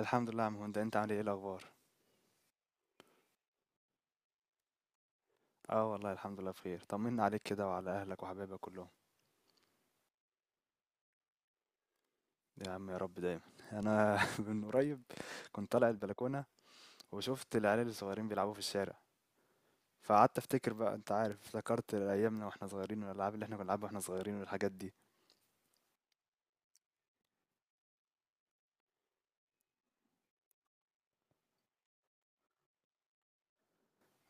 الحمد لله يا عم هند، انت عامل ايه الاخبار؟ اه والله الحمد لله بخير. طمنا عليك كده وعلى اهلك وحبايبك كلهم. يا عم، يا رب دايما. انا من قريب كنت طالع البلكونه، وشفت العيال الصغيرين بيلعبوا في الشارع، فقعدت افتكر بقى، انت عارف، افتكرت ايامنا واحنا صغيرين والالعاب اللي احنا كنا بنلعبها واحنا صغيرين والحاجات دي.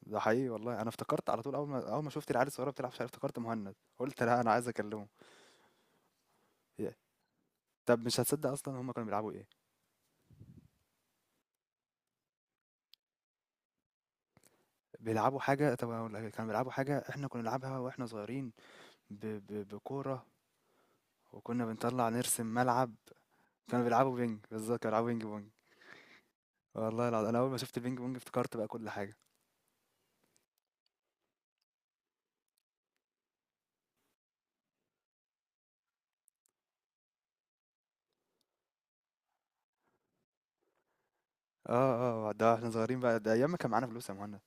ده حقيقي والله، انا افتكرت على طول. اول ما شفت العيال الصغيره بتلعب في الشارع افتكرت مهند، قلت لا انا عايز اكلمه. يا- طب مش هتصدق، اصلا هم كانوا بيلعبوا ايه؟ بيلعبوا حاجه. طب أقول لك، كانوا بيلعبوا حاجه احنا كنا نلعبها واحنا صغيرين. بكوره. وكنا بنطلع نرسم ملعب. كانوا بيلعبوا بينج بالظبط، كانوا بيلعبوا بينج بونج. والله العظيم، انا اول ما شفت البينج بونج افتكرت بقى كل حاجه. اه اه، ده احنا صغيرين بقى، ده ايام ما كان معانا فلوس يا مهند.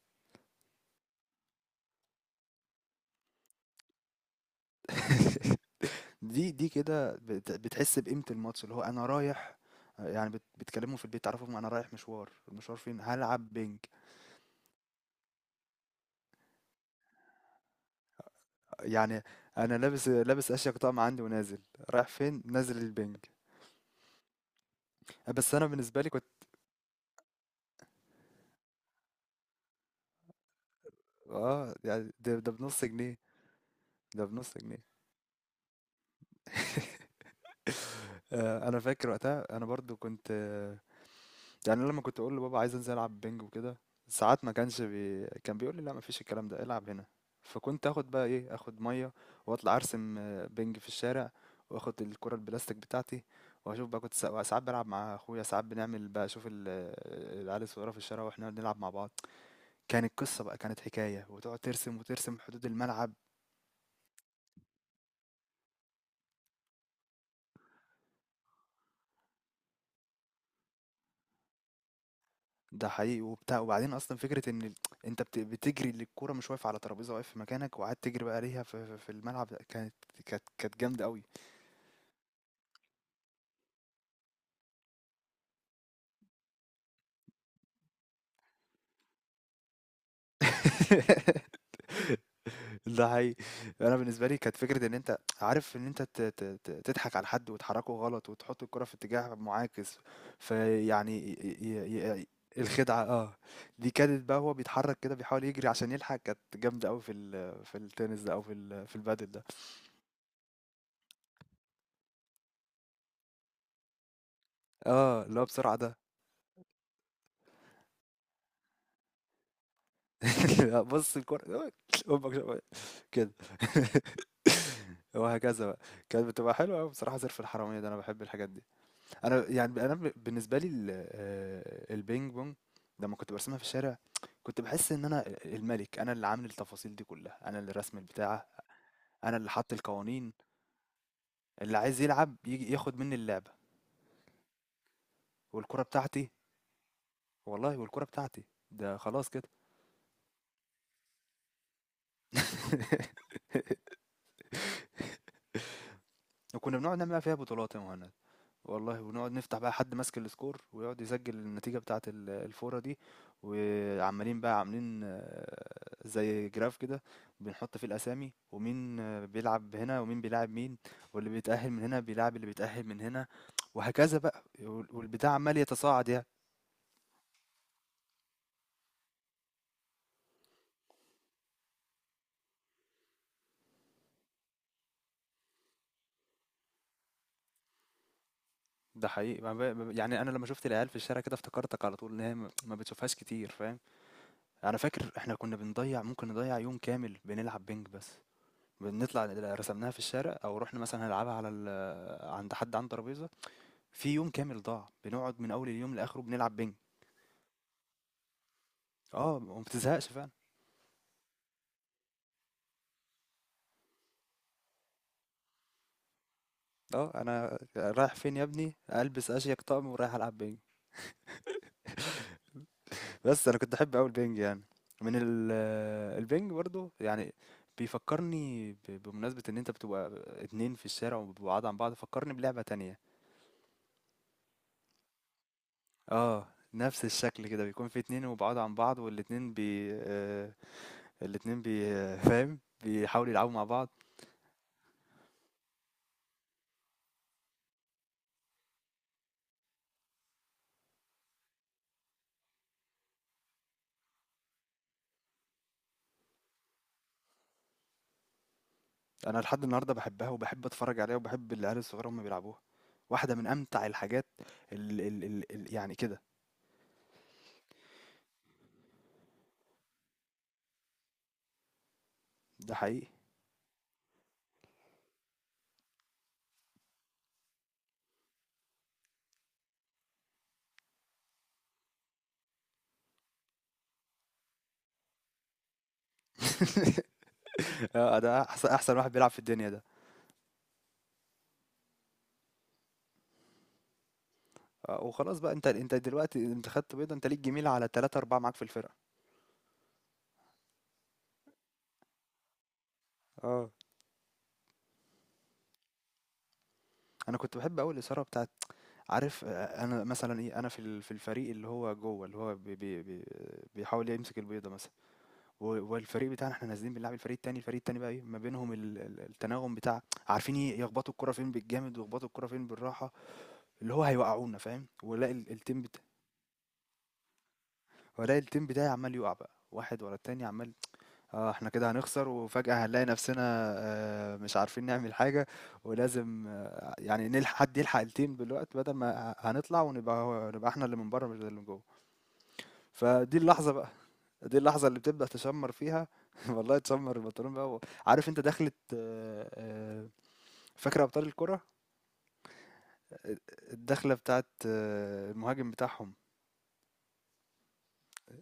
دي كده بتحس بقيمه الماتش اللي هو انا رايح. يعني بتكلموا في البيت تعرفهم انا رايح مشوار، المشوار فين؟ هلعب بينج. يعني انا لابس اشيك طقم عندي ونازل. رايح فين؟ نازل البينج. بس انا بالنسبه لي كنت. اه، يعني ده بنص جنيه. ده بنص جنيه. انا فاكر وقتها انا برضو كنت يعني أنا لما كنت اقول لبابا عايز انزل العب بينج وكده، ساعات ما كانش كان بيقول لي لا، مفيش الكلام ده، العب هنا. فكنت اخد بقى ايه، اخد ميه واطلع ارسم بينج في الشارع، واخد الكره البلاستيك بتاعتي، واشوف بقى كنت ساعات بلعب مع اخويا، ساعات بنعمل بقى اشوف العيال الصغيره في الشارع واحنا بنلعب مع بعض. كانت قصه بقى، كانت حكايه، وتقعد ترسم وترسم حدود الملعب. ده حقيقي وبتاع. وبعدين اصلا فكره ان انت بتجري للكوره مش واقف على ترابيزه، واقف في مكانك وقعدت تجري بقى عليها في الملعب، ده كانت كانت جامده قوي. ده حقيقي. انا بالنسبه لي كانت فكره ان انت عارف ان انت تضحك على حد وتحركه غلط وتحط الكره في اتجاه معاكس. فيعني ي- ي- الخدعه، اه. دي كانت بقى هو بيتحرك كده بيحاول يجري عشان يلحق. كانت جامده قوي في التنس ده او في البادل ده. اه، اللي هو بسرعه ده. لا، بص الكورة أمك كده. وهكذا بقى. كانت بتبقى حلوة أوي بصراحة، زرف الحرامية ده، أنا بحب الحاجات دي. أنا يعني أنا بالنسبة لي البينج بونج لما كنت برسمها في الشارع، كنت بحس إن أنا الملك، أنا اللي عامل التفاصيل دي كلها، أنا اللي رسم البتاعة، أنا اللي حط القوانين، اللي عايز يلعب يجي ياخد مني اللعبة. والكرة بتاعتي، والله والكرة بتاعتي، ده خلاص كده. وكنا بنقعد نعمل فيها بطولات يا مهند، والله، ونقعد نفتح بقى حد ماسك السكور ويقعد يسجل النتيجة بتاعة الفورة دي. وعمالين بقى عاملين زي جراف كده، بنحط فيه الأسامي، ومين بيلعب هنا ومين بيلعب مين، واللي بيتأهل من هنا بيلعب اللي بيتأهل من هنا، وهكذا بقى، والبتاع عمال يتصاعد يعني. ده حقيقي ما ب- يعني انا لما شفت العيال في الشارع كده افتكرتك على طول، ان هي ما بتشوفهاش كتير، فاهم. انا فاكر احنا كنا بنضيع، ممكن نضيع يوم كامل بنلعب بينج بس، بنطلع رسمناها في الشارع او رحنا مثلا هنلعبها على عند حد عنده ترابيزه. في يوم كامل ضاع بنقعد من اول اليوم لاخره بنلعب بينج. اه، وما بتزهقش فعلا. اه، انا رايح فين يا ابني؟ البس اشيك طقم ورايح العب بينج. بس انا كنت احب قوي البينج يعني. من ال... البينج برضو يعني بيفكرني بمناسبة ان انت بتبقى اتنين في الشارع وبعاد عن بعض، فكرني بلعبة تانية. اه. نفس الشكل كده بيكون في اتنين وبعاد عن بعض والاتنين بي... آه، الاتنين فاهم، بيحاولوا يلعبوا مع بعض. انا لحد النهارده بحبها وبحب اتفرج عليها وبحب العيال الصغيره هم بيلعبوها. واحده من امتع الحاجات. ال ال ال ال يعني كده. ده حقيقي. اه، ده احسن واحد بيلعب في الدنيا ده. وخلاص بقى انت دلوقتي انت خدت بيضه، انت ليك جميله على ثلاثة أربعة معاك في الفرقه. اه، انا كنت بحب قوي الاثاره بتاعت. عارف انا مثلا ايه، انا في الفريق اللي هو جوه، اللي هو بي بيحاول يمسك البيضه مثلا. والفريق بتاعنا احنا نازلين بنلعب الفريق التاني، الفريق التاني بقى ايه ما بينهم التناغم بتاع. عارفين يخبطوا الكرة فين بالجامد ويخبطوا الكرة فين بالراحة، اللي هو هيوقعونا، فاهم، ولاقي التيم بتاع، ولاقي التيم بتاعي عمال يقع بقى واحد ورا التاني عمال. اه، احنا كده هنخسر وفجأة هنلاقي نفسنا مش عارفين نعمل حاجة، ولازم يعني نلحق حد يلحق التيم بالوقت، بدل ما هنطلع ونبقى نبقى احنا اللي من بره مش اللي من جوه. فدي اللحظة بقى، دي اللحظة اللي بتبدأ تشمّر فيها. والله تشمّر البنطلون بقى و... عارف أنت دخلة فاكر أبطال الكرة؟ آآ الدخلة بتاعة المهاجم بتاعهم.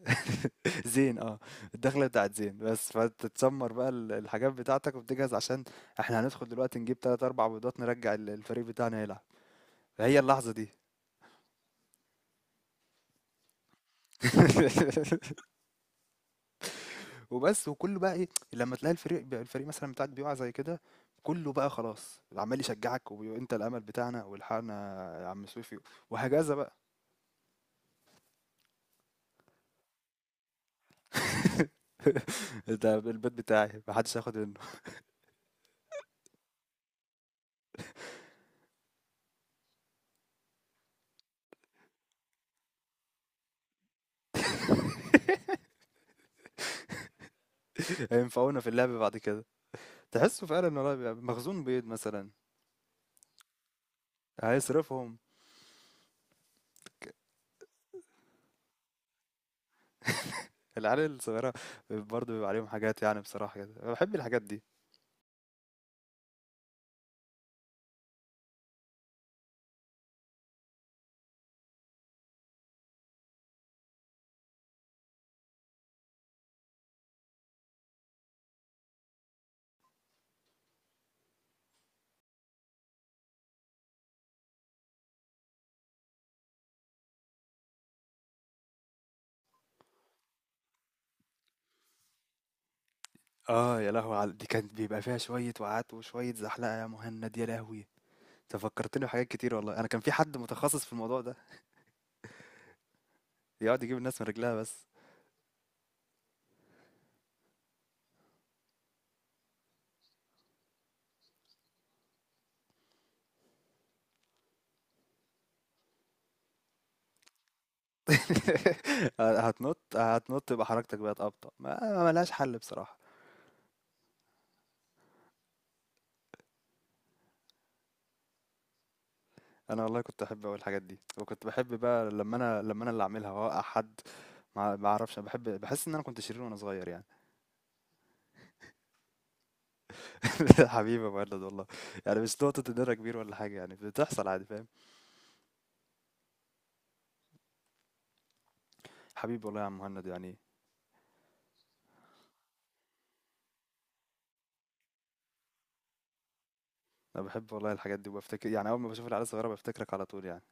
زين الدخلة بتاعة زين بس، فأنت تشمّر بقى الحاجات بتاعتك وبتجهز عشان إحنا هندخل دلوقتي نجيب 3، 4 بيضات نرجّع الفريق بتاعنا يلعب، هي اللحظة دي. وبس، وكله بقى ايه لما تلاقي الفريق مثلا بتاعك بيقع زي كده، كله بقى خلاص عمال يشجعك، وانت الامل بتاعنا والحقنا يا عم سويفي، وهكذا بقى. ده البيت بتاعي محدش ياخد منه. هينفعونا في اللعب بعد كده. تحسه فعلا إن هو بيبقى مخزون بيض مثلا. هيصرفهم. العيال الصغيرة برضه بيبقى عليهم حاجات، يعني بصراحة كده أنا بحب الحاجات دي. اه، يا لهوي دي كانت بيبقى فيها شوية وقعات وشوية زحلقة يا مهند، يا لهوي. تفكرتني بحاجات كتير والله. انا كان في حد متخصص في الموضوع ده يقعد يجيب الناس من رجلها بس. هتنط هتنط يبقى حركتك بقت أبطأ، ما ملهاش حل بصراحة. انا والله كنت احب اقول الحاجات دي، وكنت بحب بقى لما انا اللي اعملها واوقع حد. ما اعرفش، أنا بحب بحس ان انا كنت شرير وانا صغير يعني. حبيبي يا مهند والله. يعني مش نقطة ان انا كبير ولا حاجة، يعني بتحصل عادي فاهم. حبيبي والله يا عم مهند يعني. انا بحب والله الحاجات دي، وبفتكر يعني اول ما بشوف العيال الصغيرة بفتكرك على طول يعني.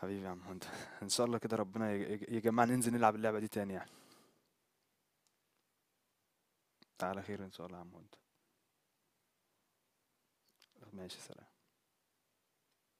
حبيبي يا عم مهند. ان شاء الله كده ربنا يجمعنا ننزل نلعب اللعبة دي تاني يعني. على خير ان شاء الله يا عم مهند. ماشي سلام.